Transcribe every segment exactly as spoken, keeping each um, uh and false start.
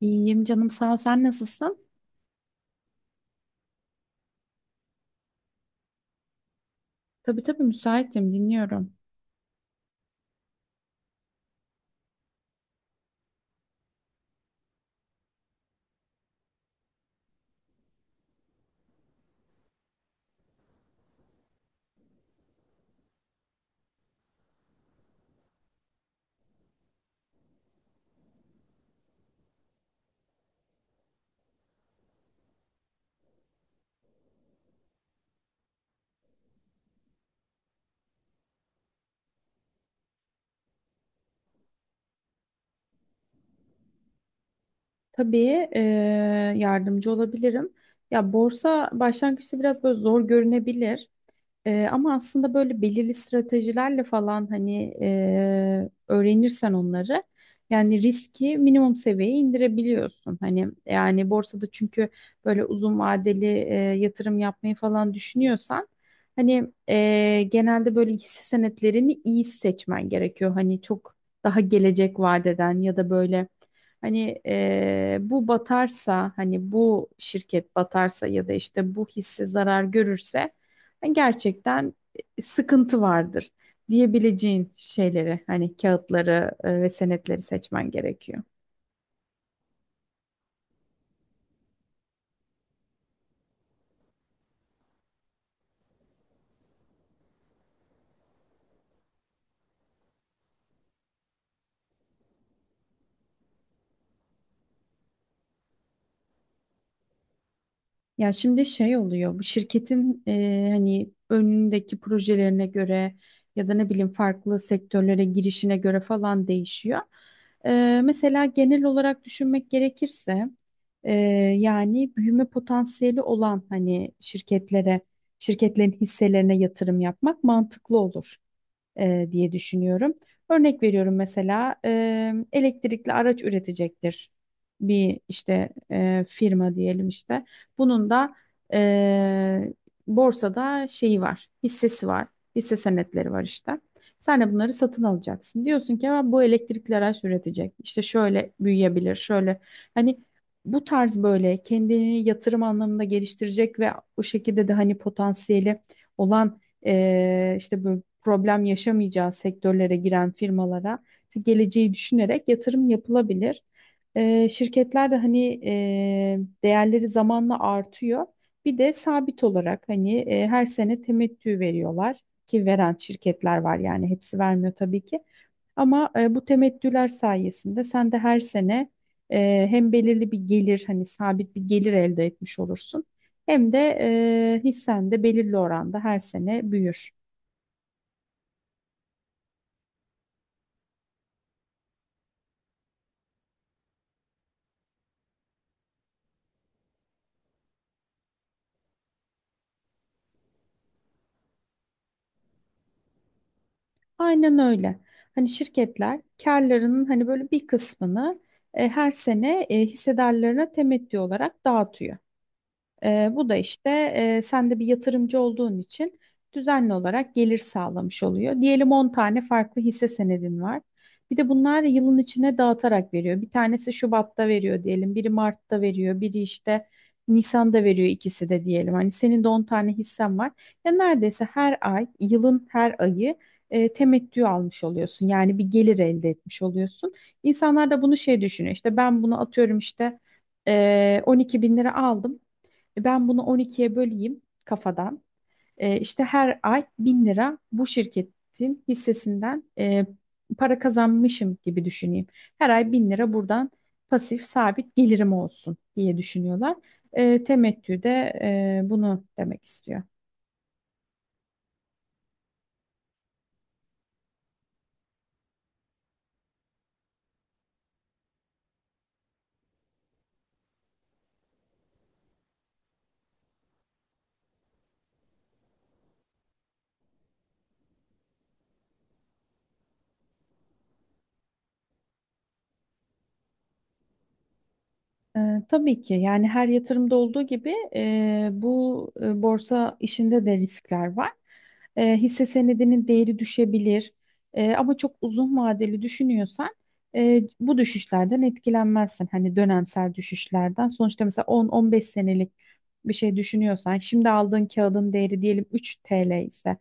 İyiyim canım sağ ol. Sen nasılsın? Tabii tabii müsaitim dinliyorum. Tabii e, yardımcı olabilirim. Ya borsa başlangıçta biraz böyle zor görünebilir. Ee, ama aslında böyle belirli stratejilerle falan hani e, öğrenirsen onları yani riski minimum seviyeye indirebiliyorsun. Hani yani borsada çünkü böyle uzun vadeli e, yatırım yapmayı falan düşünüyorsan hani e, genelde böyle hisse senetlerini iyi seçmen gerekiyor. Hani çok daha gelecek vadeden ya da böyle hani e, bu batarsa hani bu şirket batarsa ya da işte bu hisse zarar görürse hani gerçekten e, sıkıntı vardır diyebileceğin şeyleri hani kağıtları e, ve senetleri seçmen gerekiyor. Ya şimdi şey oluyor bu şirketin e, hani önündeki projelerine göre ya da ne bileyim farklı sektörlere girişine göre falan değişiyor. E, mesela genel olarak düşünmek gerekirse e, yani büyüme potansiyeli olan hani şirketlere şirketlerin hisselerine yatırım yapmak mantıklı olur e, diye düşünüyorum. Örnek veriyorum mesela e, elektrikli araç üretecektir bir işte e, firma diyelim işte. Bunun da e, borsada şeyi var, hissesi var, hisse senetleri var işte. Sen de bunları satın alacaksın. Diyorsun ki "Aa, bu elektrikli araç üretecek. İşte şöyle büyüyebilir, şöyle. Hani bu tarz böyle kendini yatırım anlamında geliştirecek ve o şekilde de hani potansiyeli olan e, işte böyle problem yaşamayacağı sektörlere giren firmalara işte geleceği düşünerek yatırım yapılabilir. E, şirketler de hani e, değerleri zamanla artıyor. Bir de sabit olarak hani e, her sene temettü veriyorlar ki veren şirketler var yani hepsi vermiyor tabii ki. Ama e, bu temettüler sayesinde sen de her sene e, hem belirli bir gelir hani sabit bir gelir elde etmiş olursun hem de e, hissen de belirli oranda her sene büyür. Aynen öyle. Hani şirketler karlarının hani böyle bir kısmını e, her sene e, hissedarlarına temettü olarak dağıtıyor. Ee, bu da işte e, sen de bir yatırımcı olduğun için düzenli olarak gelir sağlamış oluyor. Diyelim on tane farklı hisse senedin var. Bir de bunlar yılın içine dağıtarak veriyor. Bir tanesi Şubat'ta veriyor diyelim, biri Mart'ta veriyor, biri işte Nisan'da veriyor ikisi de diyelim. Hani senin de on tane hissen var. Ya neredeyse her ay, yılın her ayı e, temettü almış oluyorsun. Yani bir gelir elde etmiş oluyorsun. İnsanlar da bunu şey düşünüyor. İşte ben bunu atıyorum işte e, on iki bin lira aldım. E, Ben bunu on ikiye böleyim kafadan. E, işte her ay bin lira bu şirketin hissesinden e, para kazanmışım gibi düşüneyim. Her ay bin lira buradan pasif sabit gelirim olsun diye düşünüyorlar. E, temettü de e, bunu demek istiyor. Ee, tabii ki yani her yatırımda olduğu gibi e, bu e, borsa işinde de riskler var. E, hisse senedinin değeri düşebilir. E, ama çok uzun vadeli düşünüyorsan e, bu düşüşlerden etkilenmezsin. Hani dönemsel düşüşlerden sonuçta mesela on on beş senelik bir şey düşünüyorsan şimdi aldığın kağıdın değeri diyelim üç T L ise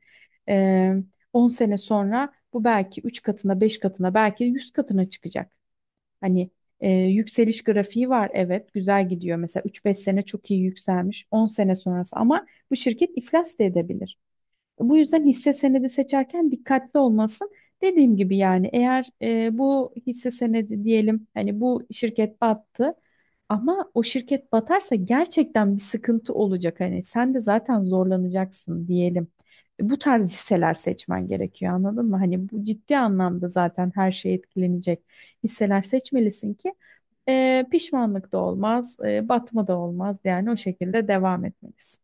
e, on sene sonra bu belki üç katına beş katına belki yüz katına çıkacak. Hani e, yükseliş grafiği var, evet, güzel gidiyor. Mesela üç beş sene çok iyi yükselmiş on sene sonrası, ama bu şirket iflas da edebilir. Bu yüzden hisse senedi seçerken dikkatli olmasın. Dediğim gibi, yani eğer e, bu hisse senedi diyelim hani bu şirket battı ama o şirket batarsa gerçekten bir sıkıntı olacak. Hani sen de zaten zorlanacaksın diyelim. Bu tarz hisseler seçmen gerekiyor, anladın mı? Hani bu ciddi anlamda zaten her şey etkilenecek hisseler seçmelisin ki e, pişmanlık da olmaz, e, batma da olmaz, yani o şekilde devam etmelisin.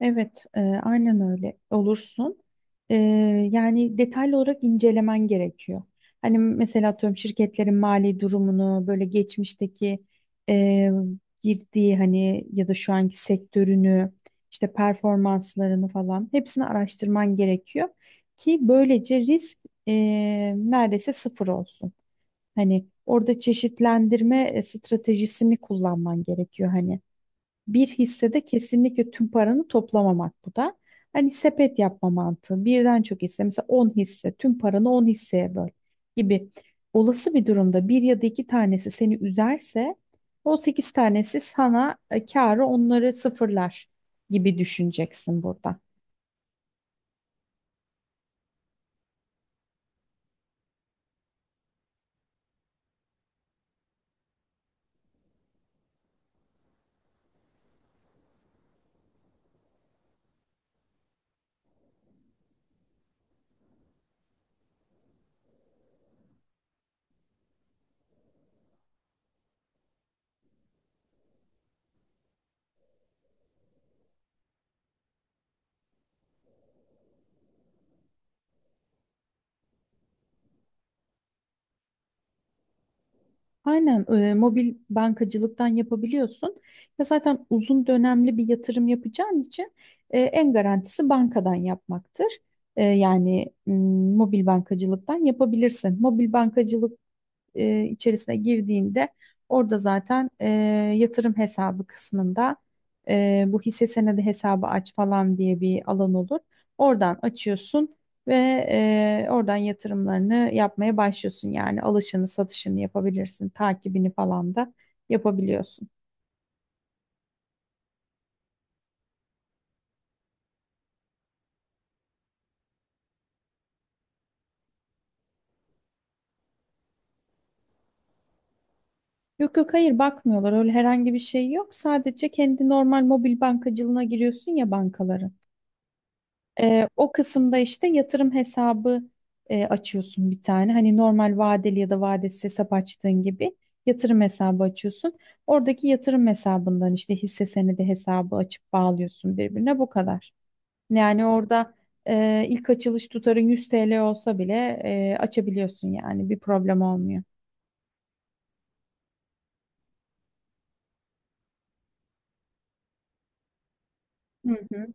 Evet, e, aynen öyle olursun. E, yani detaylı olarak incelemen gerekiyor. Hani mesela atıyorum şirketlerin mali durumunu, böyle geçmişteki e, girdiği hani ya da şu anki sektörünü, işte performanslarını falan hepsini araştırman gerekiyor ki böylece risk e, neredeyse sıfır olsun. Hani orada çeşitlendirme e, stratejisini kullanman gerekiyor hani. Bir hissede kesinlikle tüm paranı toplamamak bu da. Hani sepet yapma mantığı. Birden çok hisse, mesela on hisse, tüm paranı on hisseye böl gibi. Olası bir durumda bir ya da iki tanesi seni üzerse o sekiz tanesi sana e, kârı onları sıfırlar gibi düşüneceksin burada. Aynen, e, mobil bankacılıktan yapabiliyorsun. Ya zaten uzun dönemli bir yatırım yapacağın için e, en garantisi bankadan yapmaktır. E, yani m, mobil bankacılıktan yapabilirsin. Mobil bankacılık e, içerisine girdiğinde orada zaten e, yatırım hesabı kısmında e, bu hisse senedi hesabı aç falan diye bir alan olur. Oradan açıyorsun ve e, oradan yatırımlarını yapmaya başlıyorsun. Yani alışını, satışını yapabilirsin, takibini falan da yapabiliyorsun. Yok yok, hayır, bakmıyorlar, öyle herhangi bir şey yok. Sadece kendi normal mobil bankacılığına giriyorsun ya, bankaların. Ee, o kısımda işte yatırım hesabı e, açıyorsun bir tane. Hani normal vadeli ya da vadesiz hesap açtığın gibi yatırım hesabı açıyorsun. Oradaki yatırım hesabından işte hisse senedi hesabı açıp bağlıyorsun birbirine, bu kadar. Yani orada e, ilk açılış tutarı yüz T L olsa bile e, açabiliyorsun, yani bir problem olmuyor. Hı hı.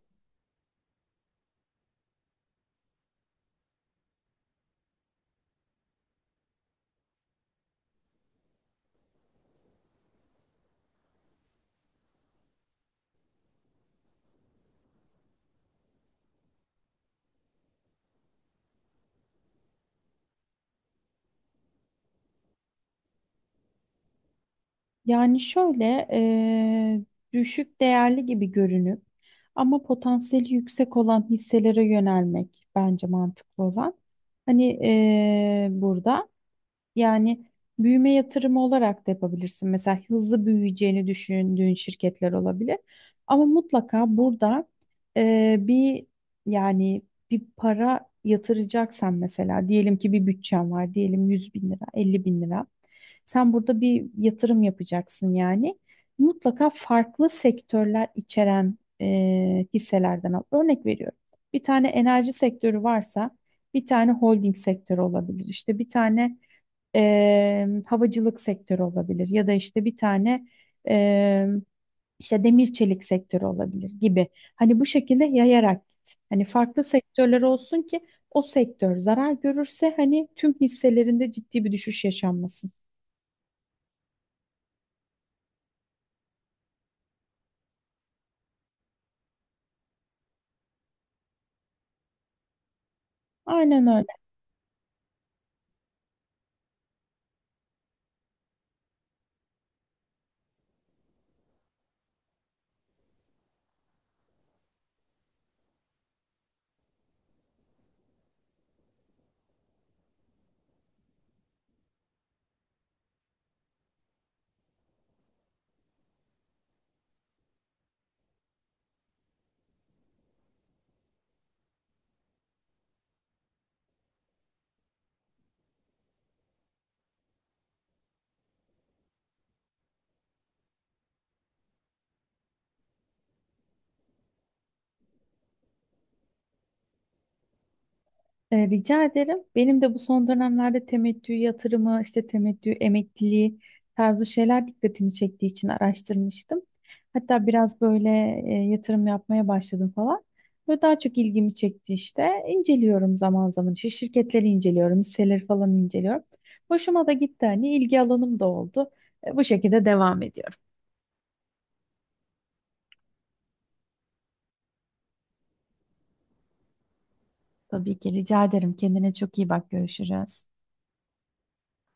Yani şöyle, eee, düşük değerli gibi görünüp ama potansiyeli yüksek olan hisselere yönelmek bence mantıklı olan. Hani eee, burada yani büyüme yatırımı olarak da yapabilirsin. Mesela hızlı büyüyeceğini düşündüğün şirketler olabilir. Ama mutlaka burada eee, bir yani bir para yatıracaksan, mesela diyelim ki bir bütçen var, diyelim yüz bin lira, elli bin lira. Sen burada bir yatırım yapacaksın yani. Mutlaka farklı sektörler içeren e, hisselerden al. Örnek veriyorum. Bir tane enerji sektörü varsa bir tane holding sektörü olabilir. İşte bir tane e, havacılık sektörü olabilir, ya da işte bir tane e, işte demir çelik sektörü olabilir gibi. Hani bu şekilde yayarak git. Hani farklı sektörler olsun ki o sektör zarar görürse hani tüm hisselerinde ciddi bir düşüş yaşanmasın. Aynen öyle. Ee, rica ederim. Benim de bu son dönemlerde temettü yatırımı, işte temettü emekliliği tarzı şeyler dikkatimi çektiği için araştırmıştım. Hatta biraz böyle e, yatırım yapmaya başladım falan. Ve daha çok ilgimi çekti işte. İnceliyorum zaman zaman. İşte şirketleri inceliyorum, hisseleri falan inceliyorum. Hoşuma da gitti hani, ilgi alanım da oldu. E, bu şekilde devam ediyorum. Tabii ki, rica ederim. Kendine çok iyi bak. Görüşürüz.